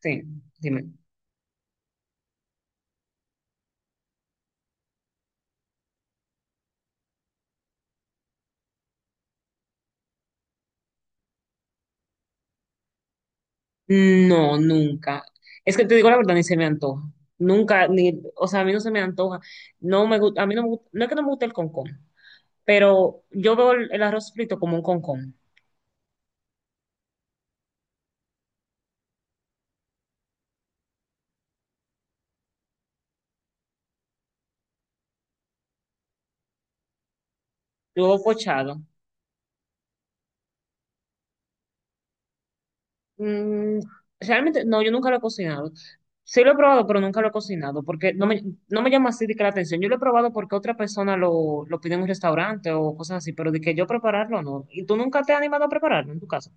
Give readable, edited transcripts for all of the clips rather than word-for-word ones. Sí, dime. No, nunca. Es que te digo la verdad, ni se me antoja. Nunca, ni, o sea, a mí no se me antoja. No me gusta, a mí no me gusta, no es que no me guste el concón, pero yo veo el arroz frito como un concón, luego pochado. Mm, realmente, no, yo nunca lo he cocinado. Sí lo he probado, pero nunca lo he cocinado, porque no me, no me llama así de que la atención. Yo lo he probado porque otra persona lo pide en un restaurante o cosas así, pero de que yo prepararlo, no. ¿Y tú nunca te has animado a prepararlo en tu casa?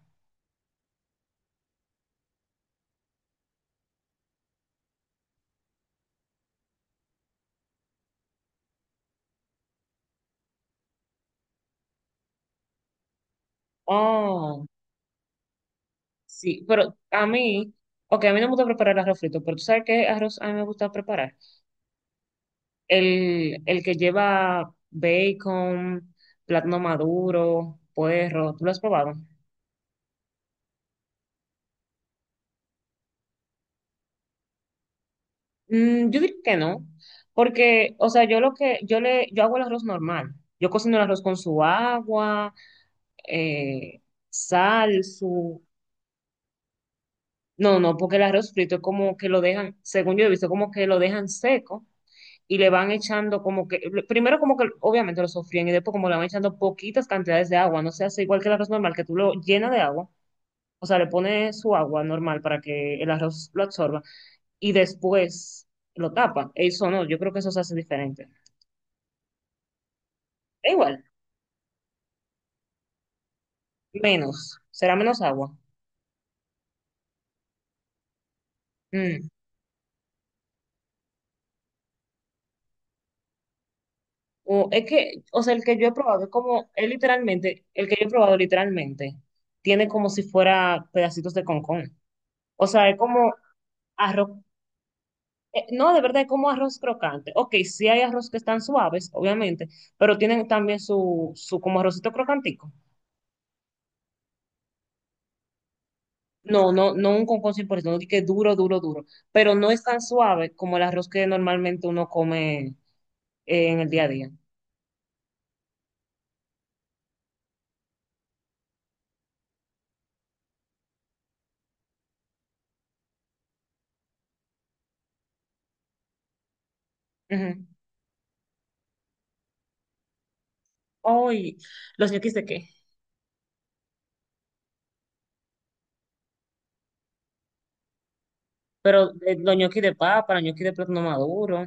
Oh. Sí, pero ok, a mí no me gusta preparar arroz frito, pero tú sabes qué arroz a mí me gusta preparar. El que lleva bacon, plátano maduro, puerro, ¿tú lo has probado? Mm, yo diría que no, porque, o sea, yo lo que, yo le, yo hago el arroz normal. Yo cocino el arroz con su agua, eh, sal, su... No, no, porque el arroz frito es como que lo dejan, según yo he visto, como que lo dejan seco y le van echando como que, primero como que obviamente lo sofrían y después como le van echando poquitas cantidades de agua, no se hace igual que el arroz normal, que tú lo llenas de agua, o sea, le pones su agua normal para que el arroz lo absorba y después lo tapa. Eso no, yo creo que eso se hace diferente. Es igual, menos, será menos agua. Mm. O es que, o sea, el que yo he probado es como, es literalmente, el que yo he probado literalmente tiene como si fuera pedacitos de concón. O sea, es como arroz no, de verdad, es como arroz crocante. Ok, sí hay arroz que están suaves, obviamente, pero tienen también su como arrocito crocantico. No, no, no un concón 100%, no di que duro, duro, duro, pero no es tan suave como el arroz que normalmente uno come en el día a día. Ujú. Ay, ¿los ñoquis de qué? Pero los ñoquis de papa, los ñoquis de plátano maduro,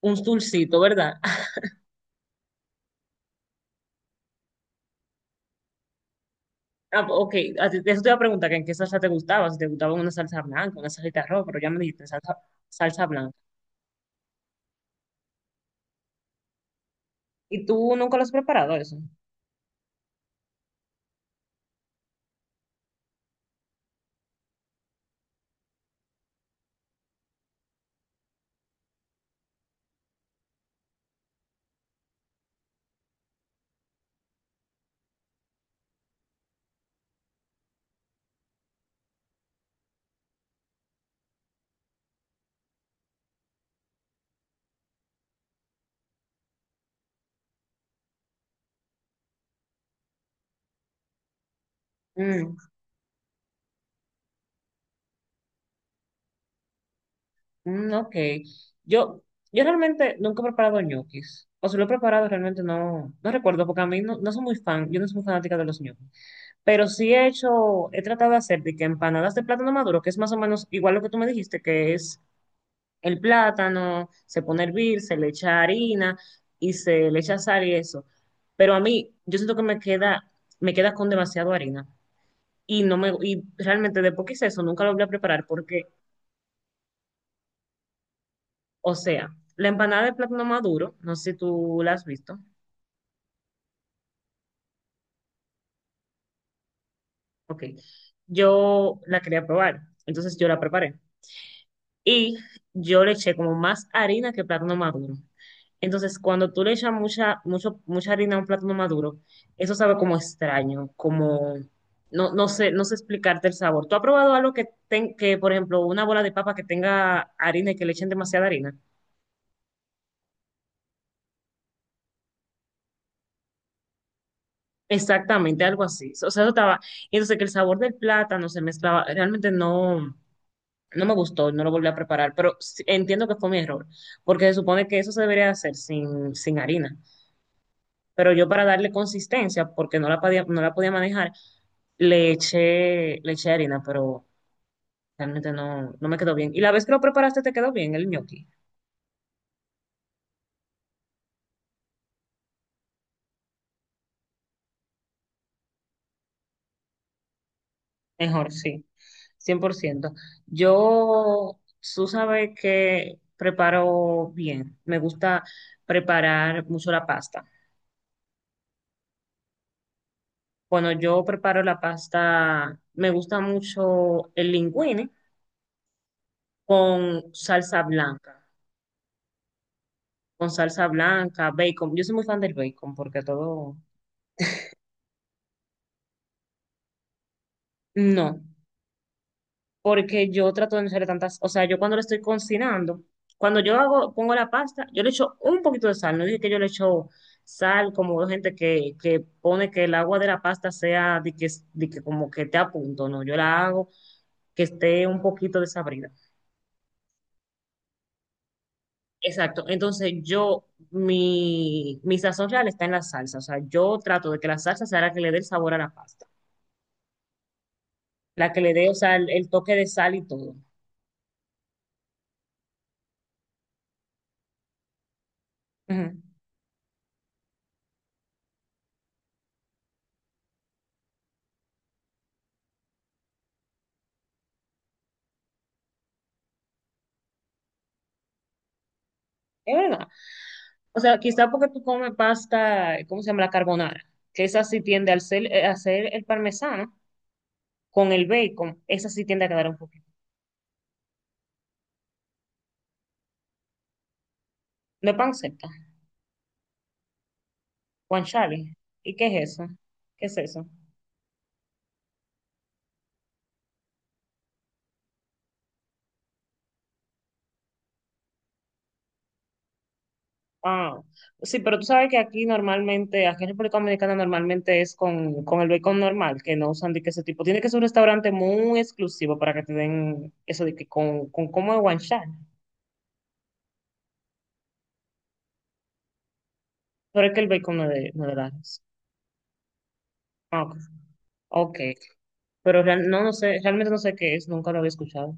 un dulcito, ¿verdad? Ah, ok, a ti- eso te iba a preguntar que en qué salsa te gustaba, si te gustaba una salsa blanca, una salsa de arroz, pero ya me dijiste salsa, salsa blanca. ¿Y tú nunca lo has preparado eso? Mm, mm, ok. Yo, yo realmente nunca he preparado ñoquis. O si lo he preparado, realmente no, no recuerdo, porque a mí no, no soy muy fan, yo no soy muy fanática de los ñoquis. Pero sí he hecho, he tratado de hacer de que empanadas de plátano maduro, que es más o menos igual lo que tú me dijiste, que es el plátano, se pone a hervir, se le echa harina y se le echa sal y eso. Pero a mí, yo siento que me queda con demasiado harina. Y no me, y realmente después que hice eso, nunca lo voy a preparar porque o sea, la empanada de plátano maduro, no sé si tú la has visto. Ok. Yo la quería probar, entonces yo la preparé. Y yo le eché como más harina que plátano maduro. Entonces, cuando tú le echas mucha, mucho, mucha harina a un plátano maduro, eso sabe como extraño, como no, no sé, no sé explicarte el sabor. ¿Tú has probado algo que, ten- que, por ejemplo, una bola de papa que tenga harina y que le echen demasiada harina? Exactamente, algo así. O sea, eso estaba. Y entonces que el sabor del plátano se mezclaba, realmente no. No me gustó, no lo volví a preparar, pero sí- entiendo que fue mi error, porque se supone que eso se debería hacer sin harina. Pero yo para darle consistencia, porque no la podía, no la podía manejar, le eché harina, pero realmente no, no me quedó bien. Y la vez que lo preparaste te quedó bien el ñoqui. Mejor, sí, 100%. Yo, tú sabes que preparo bien. Me gusta preparar mucho la pasta. Cuando yo preparo la pasta, me gusta mucho el linguine con salsa blanca, con salsa blanca, bacon. Yo soy muy fan del bacon porque todo... No, porque yo trato de no hacer tantas... O sea, yo cuando lo estoy cocinando, pongo la pasta, yo le echo un poquito de sal. No dije que yo le echo sal, como hay gente que pone que el agua de la pasta sea de que como que te a punto. No, yo la hago que esté un poquito desabrida. Exacto. Entonces yo, mi sazón real está en la salsa. O sea, yo trato de que la salsa sea la que le dé el sabor a la pasta. La que le dé, o sea, el toque de sal y todo. Ujú. Es verdad. O sea, quizá porque tú comes pasta, ¿cómo se llama? La carbonara. Que esa sí tiende al ser- a hacer el parmesano con el bacon. Esa sí tiende a quedar un poquito. No es panceta, guanciale. ¿Y qué es eso? ¿Qué es eso? Ah, sí, pero tú sabes que aquí normalmente, aquí en República Dominicana normalmente es con el bacon normal, que no usan de que ese tipo. Tiene que ser un restaurante muy exclusivo para que te den eso de que con como de guanchar. Pero es que el bacon no es de, no es de Lares. Ah, ok. Ok. Pero real- no, no sé, realmente no sé qué es, nunca lo había escuchado.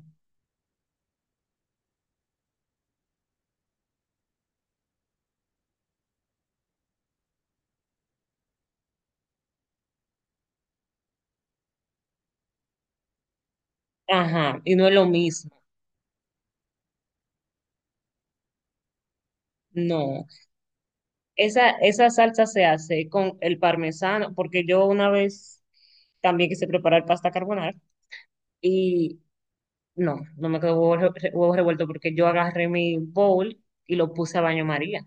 Ajá, y no es lo mismo. No, esa salsa se hace con el parmesano, porque yo una vez también quise preparar pasta carbonara y no, no me quedó huevo, re- huevo revuelto porque yo agarré mi bowl y lo puse a baño María.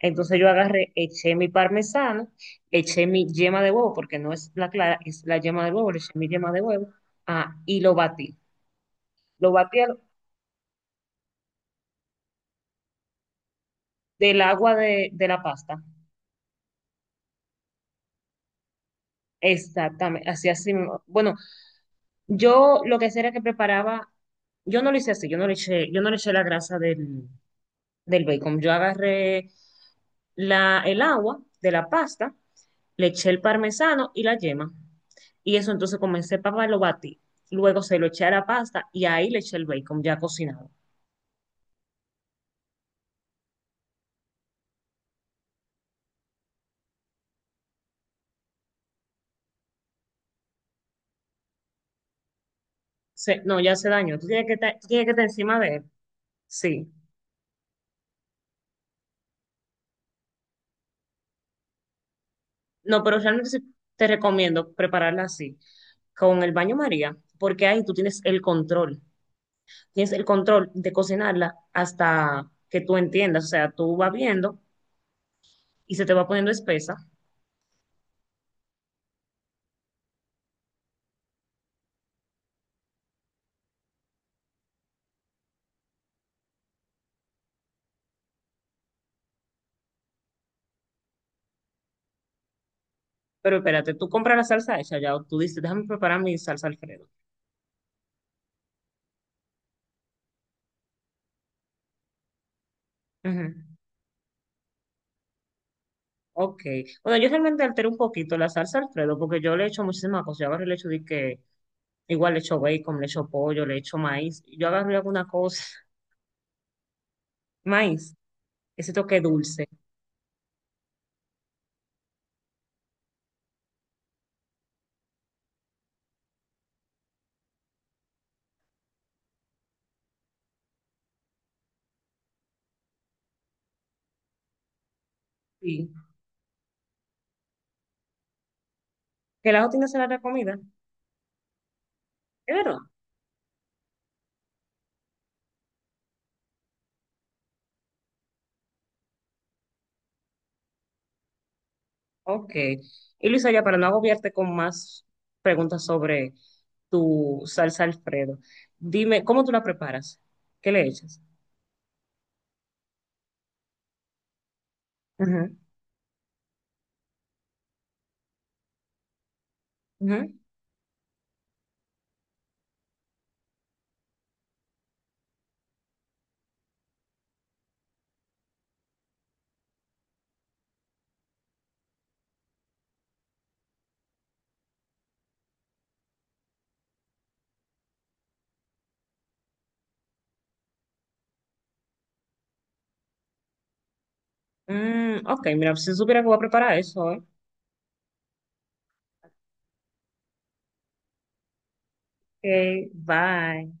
Entonces yo agarré, eché mi parmesano, eché mi yema de huevo, porque no es la clara, es la yema de huevo, le eché mi yema de huevo, y lo batí. Lo batí al- del agua de la pasta. Exactamente, así así mismo. Bueno, yo lo que hacía era que preparaba, yo no lo hice así, yo no le eché la grasa del bacon. Yo agarré el agua de la pasta, le eché el parmesano y la yema. Y eso entonces comencé para lo batí. Luego se lo eché a la pasta y ahí le eché el bacon ya cocinado. Se- no, ya se dañó. Tú tienes que estar encima de él. Sí. No, pero realmente sí te recomiendo prepararla así, con el baño María, porque ahí tú tienes el control. Tienes el control de cocinarla hasta que tú entiendas. O sea, tú vas viendo y se te va poniendo espesa. Pero espérate, ¿tú compras la salsa hecha ya, o tú dices, déjame preparar mi salsa Alfredo? Ujú. Ok. Bueno, yo realmente altero un poquito la salsa Alfredo porque yo le echo muchísimas cosas. Yo agarro y le echo de que igual le echo bacon, le echo pollo, le echo maíz. Yo agarro y hago una cosa, maíz, ese toque dulce. Sí. Que la tiene será la comida. ¿Es verdad? Ok. Y Luisa, ya para no agobiarte con más preguntas sobre tu salsa Alfredo, dime, ¿cómo tú la preparas? ¿Qué le echas? Ujú, ujú. Mm, ok, mira, si supiera que voy a preparar eso, ¿eh? Ok, bye.